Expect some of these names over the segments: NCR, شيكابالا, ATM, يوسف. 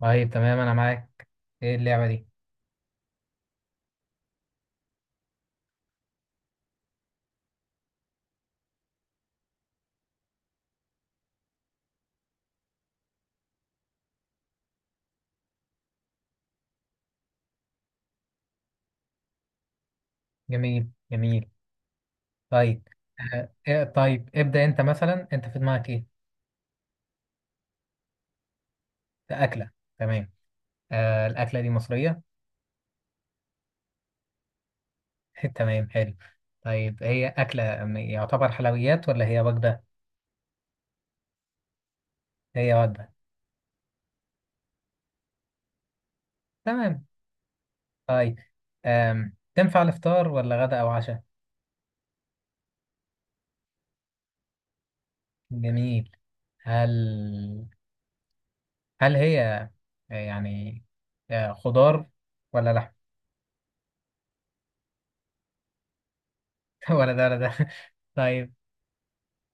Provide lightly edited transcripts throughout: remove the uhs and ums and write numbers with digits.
طيب، تمام، انا معاك. ايه اللعبة دي؟ جميل جميل. طيب، إيه، طيب، ابدأ انت، مثلا انت في دماغك ايه؟ ده اكلة؟ تمام. الاكلة دي مصرية؟ تمام، حلو. طيب، هي اكلة يعتبر حلويات ولا هي وجبة؟ هي وجبة؟ تمام. طيب، تنفع الافطار ولا غدا او عشاء؟ جميل. هل هل هي، يعني، خضار ولا لحم؟ ولا ده ولا ده. طيب.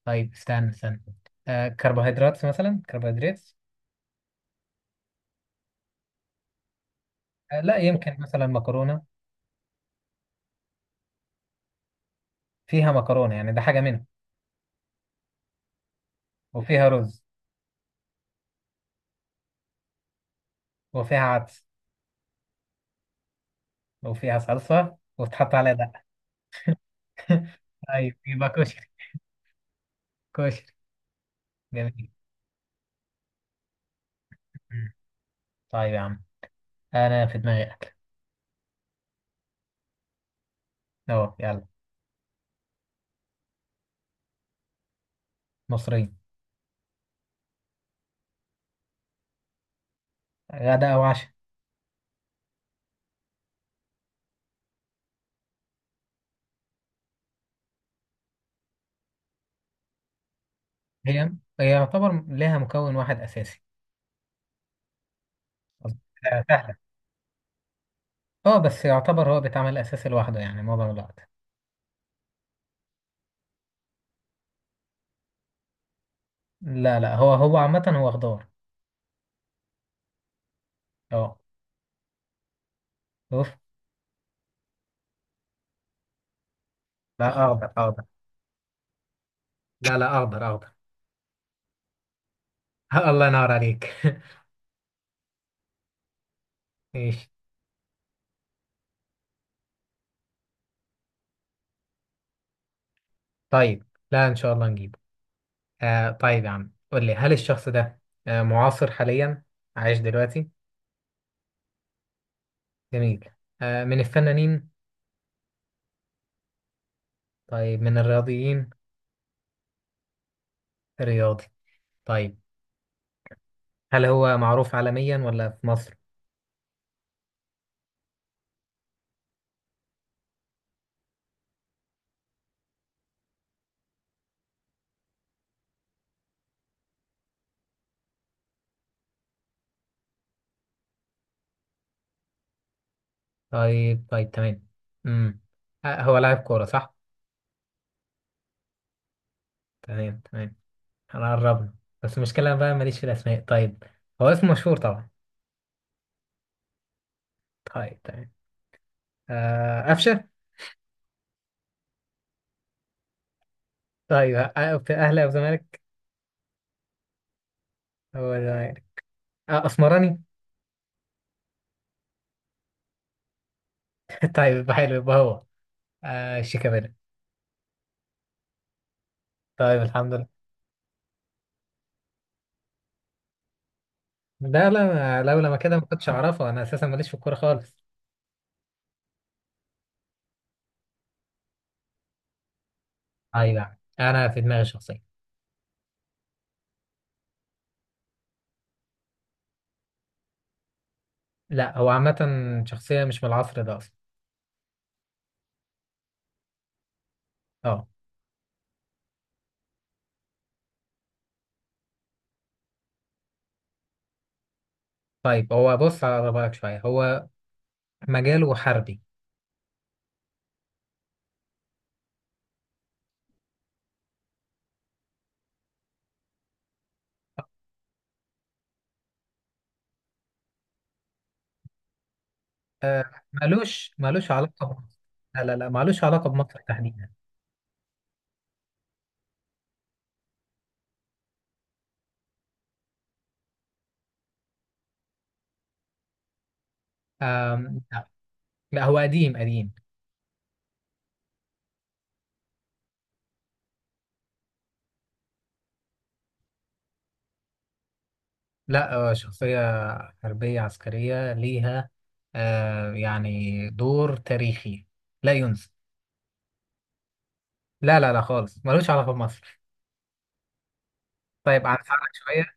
طيب، استنى استنى. كربوهيدرات، مثلا كربوهيدرات. لا، يمكن مثلا مكرونة. فيها مكرونة، يعني ده حاجة منها. وفيها رز. وفيها عدس. وفيها صلصة وتحط عليها ده. طيب، يبقى كشري. كشري. جميل. مم. طيب يا عم، أنا في دماغي أكل. أهو، يلا. مصرية. غدا أو عشاء. هي هي يعتبر لها مكون واحد أساسي. سهلة. اه، بس يعتبر هو بيتعمل أساسي لوحده، يعني معظم الوقت. لا لا، هو هو عامة، هو خضار. اه. اوف. لا، اخضر. لا لا، اخضر اخضر. الله ينور عليك. ماشي. طيب. لا، ان شاء الله نجيبه. طيب يا عم، قول لي، هل الشخص ده معاصر حاليا؟ عايش دلوقتي؟ جميل. من الفنانين؟ طيب، من الرياضيين؟ رياضي؟ طيب. هل هو معروف عالميا ولا في مصر؟ طيب طيب، تمام. امم هو لاعب كورة، صح؟ تمام تمام. انا قربنا. بس المشكلة بقى، ماليش في الاسماء. طيب. هو اسمه مشهور طبعا. طيب، تمام. قفشة؟ طيب، في اهلي او زمالك؟ هو ده؟ اسمراني؟ طيب، حلو، يبقى هو شيكابالا؟ طيب، الحمد لله. لا لا، أنا لولا ما كده ما كنتش اعرفه، انا اساسا ماليش في الكوره خالص. ايوه، انا في دماغي شخصيه. لا، هو عامه. شخصيه مش من العصر ده اصلا. اه. طيب، هو بص، هقربها لك شويه. هو مجاله حربي. مالوش مالوش علاقه بمصر. لا لا لا، مالوش علاقه بمصر تحديدا. لا. لا، هو قديم قديم. لا، شخصيه حربية عسكرية، ليها يعني دور تاريخي لا ينسى. لا لا لا، خالص ملوش علاقة بمصر. طيب، هنساعدك شوية.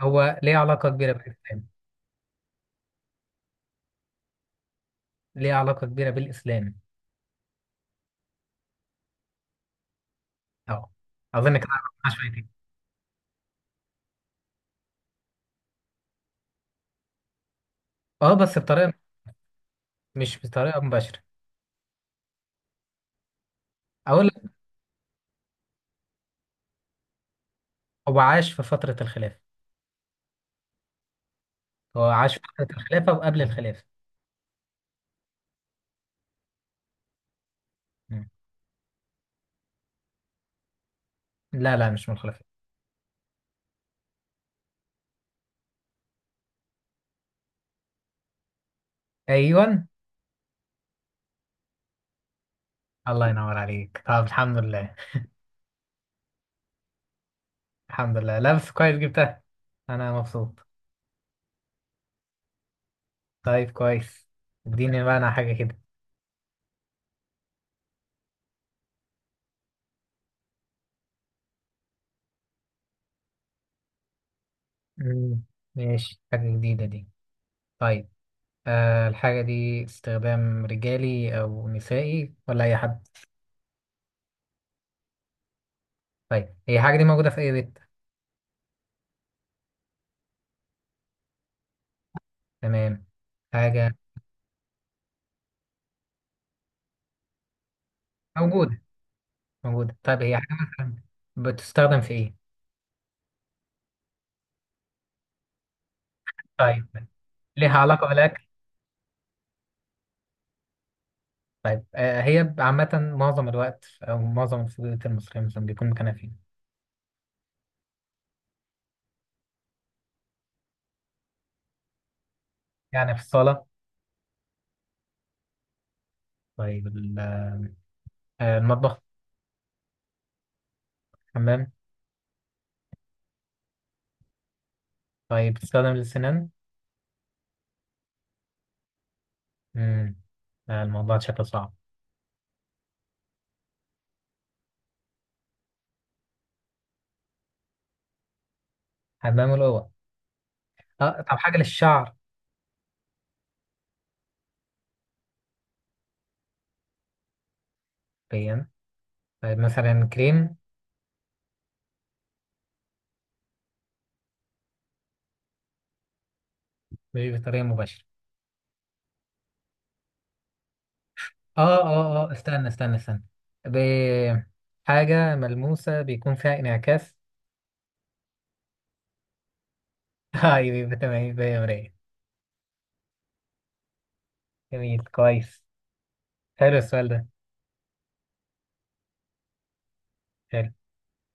هو ليه علاقة كبيرة بالإسلام. ليه علاقة كبيرة بالإسلام. اه، أظن كده عرفناها شويتين. اه، بس بطريقة، مش بطريقة مباشرة، أقول لك. هو عاش في فترة الخلافة. هو عاش في فترة الخلافة وقبل الخلافة. مم. لا لا، مش من الخلافة. أيوة. الله ينور عليك. طب، الحمد لله. الحمد لله لابس كويس جبتها. أنا مبسوط. طيب، كويس. اديني بقى انا حاجة كده. مم. ماشي، حاجة جديدة دي. طيب، الحاجة دي استخدام رجالي أو نسائي ولا أي حد؟ طيب، هي الحاجة دي موجودة في أي بيت؟ تمام. حاجة. موجودة، موجودة. طيب، هي حاجة مثلا بتستخدم في إيه؟ طيب، ليها علاقة بالأكل؟ طيب، هي عامة، معظم الوقت أو معظم البيوت المصرية مثلا بيكون مكانها فين؟ يعني في الصالة؟ طيب، المطبخ؟ حمام؟ طيب، بتستخدم للسنان؟ امم لا، الموضوع شكله صعب. هنعمله هو. اه، طب حاجة للشعر؟ بين. طيب، مثلا كريم؟ مش بطريقة مباشرة. اه، اه، اه، استنى استنى استنى. ب... حاجة ملموسة بيكون فيها انعكاس؟ اه، يبقى تمام، يبقى مراية. جميل، كويس. حلو السؤال ده. حلو.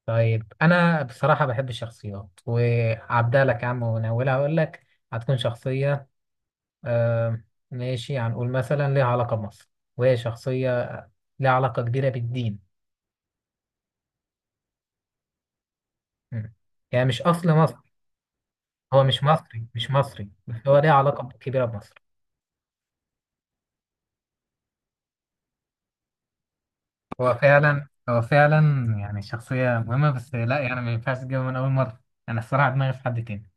طيب، أنا بصراحة بحب الشخصيات وعبدالك يا عم وناولها أقول لك. هتكون شخصية. آه ماشي، هنقول مثلا ليها علاقة بمصر، وهي شخصية ليها علاقة كبيرة بالدين. مم. يعني مش أصل مصر؟ هو مش مصري، مش مصري، بس هو ليه علاقة كبيرة بمصر. هو فعلا يعني شخصية مهمة، بس لا، يعني ما ينفعش تجيبها من أول مرة. أنا الصراحة دماغي في حد تاني.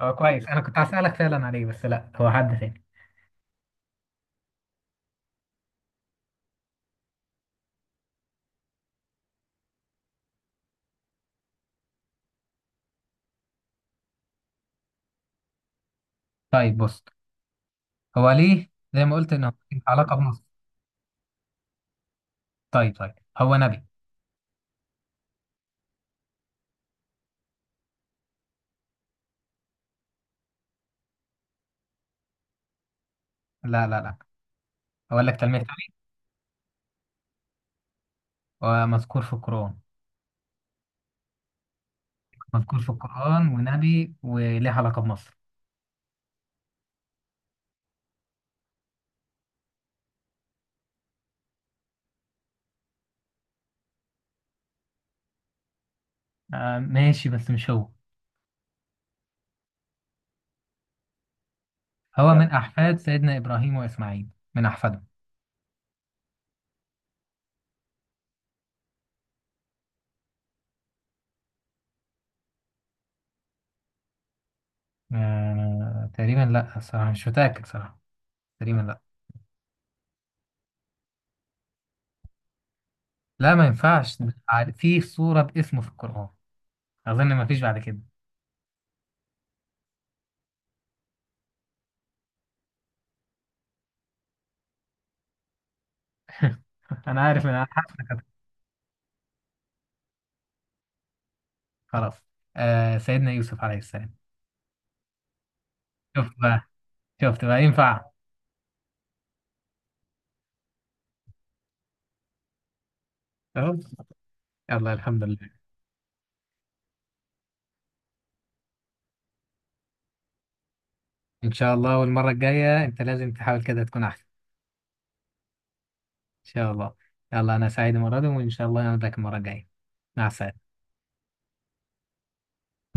هو كويس، أنا كنت هسألك فعلا عليه، بس لا، هو حد تاني. طيب، بص، هو ليه، زي ما قلت إن هو ليه علاقة بمصر. طيب طيب، هو نبي؟ لا لا لا. أقول لك تلميح تاني. هو مذكور في القرآن. مذكور في القرآن ونبي وليه علاقة بمصر. ماشي، بس مش هو. هو من أحفاد سيدنا إبراهيم وإسماعيل. من أحفادهم. تقريبا لا، الصراحة مش متأكد صراحة. تقريبا لا. لا، ما ينفعش ده، في صورة باسمه في القرآن. أظن ما فيش بعد كده. أنا عارف إن أنا حاسس إنك خلاص. سيدنا يوسف عليه السلام. شفت بقى. شفت بقى ينفع. أهو. يلا، الحمد لله. إن شاء الله، والمرة الجاية أنت لازم تحاول كده تكون أحسن. شاء الله. يلا، أنا سعيد المرة دي وإن شاء الله أنا ذاك المرة الجاية. مع السلامة.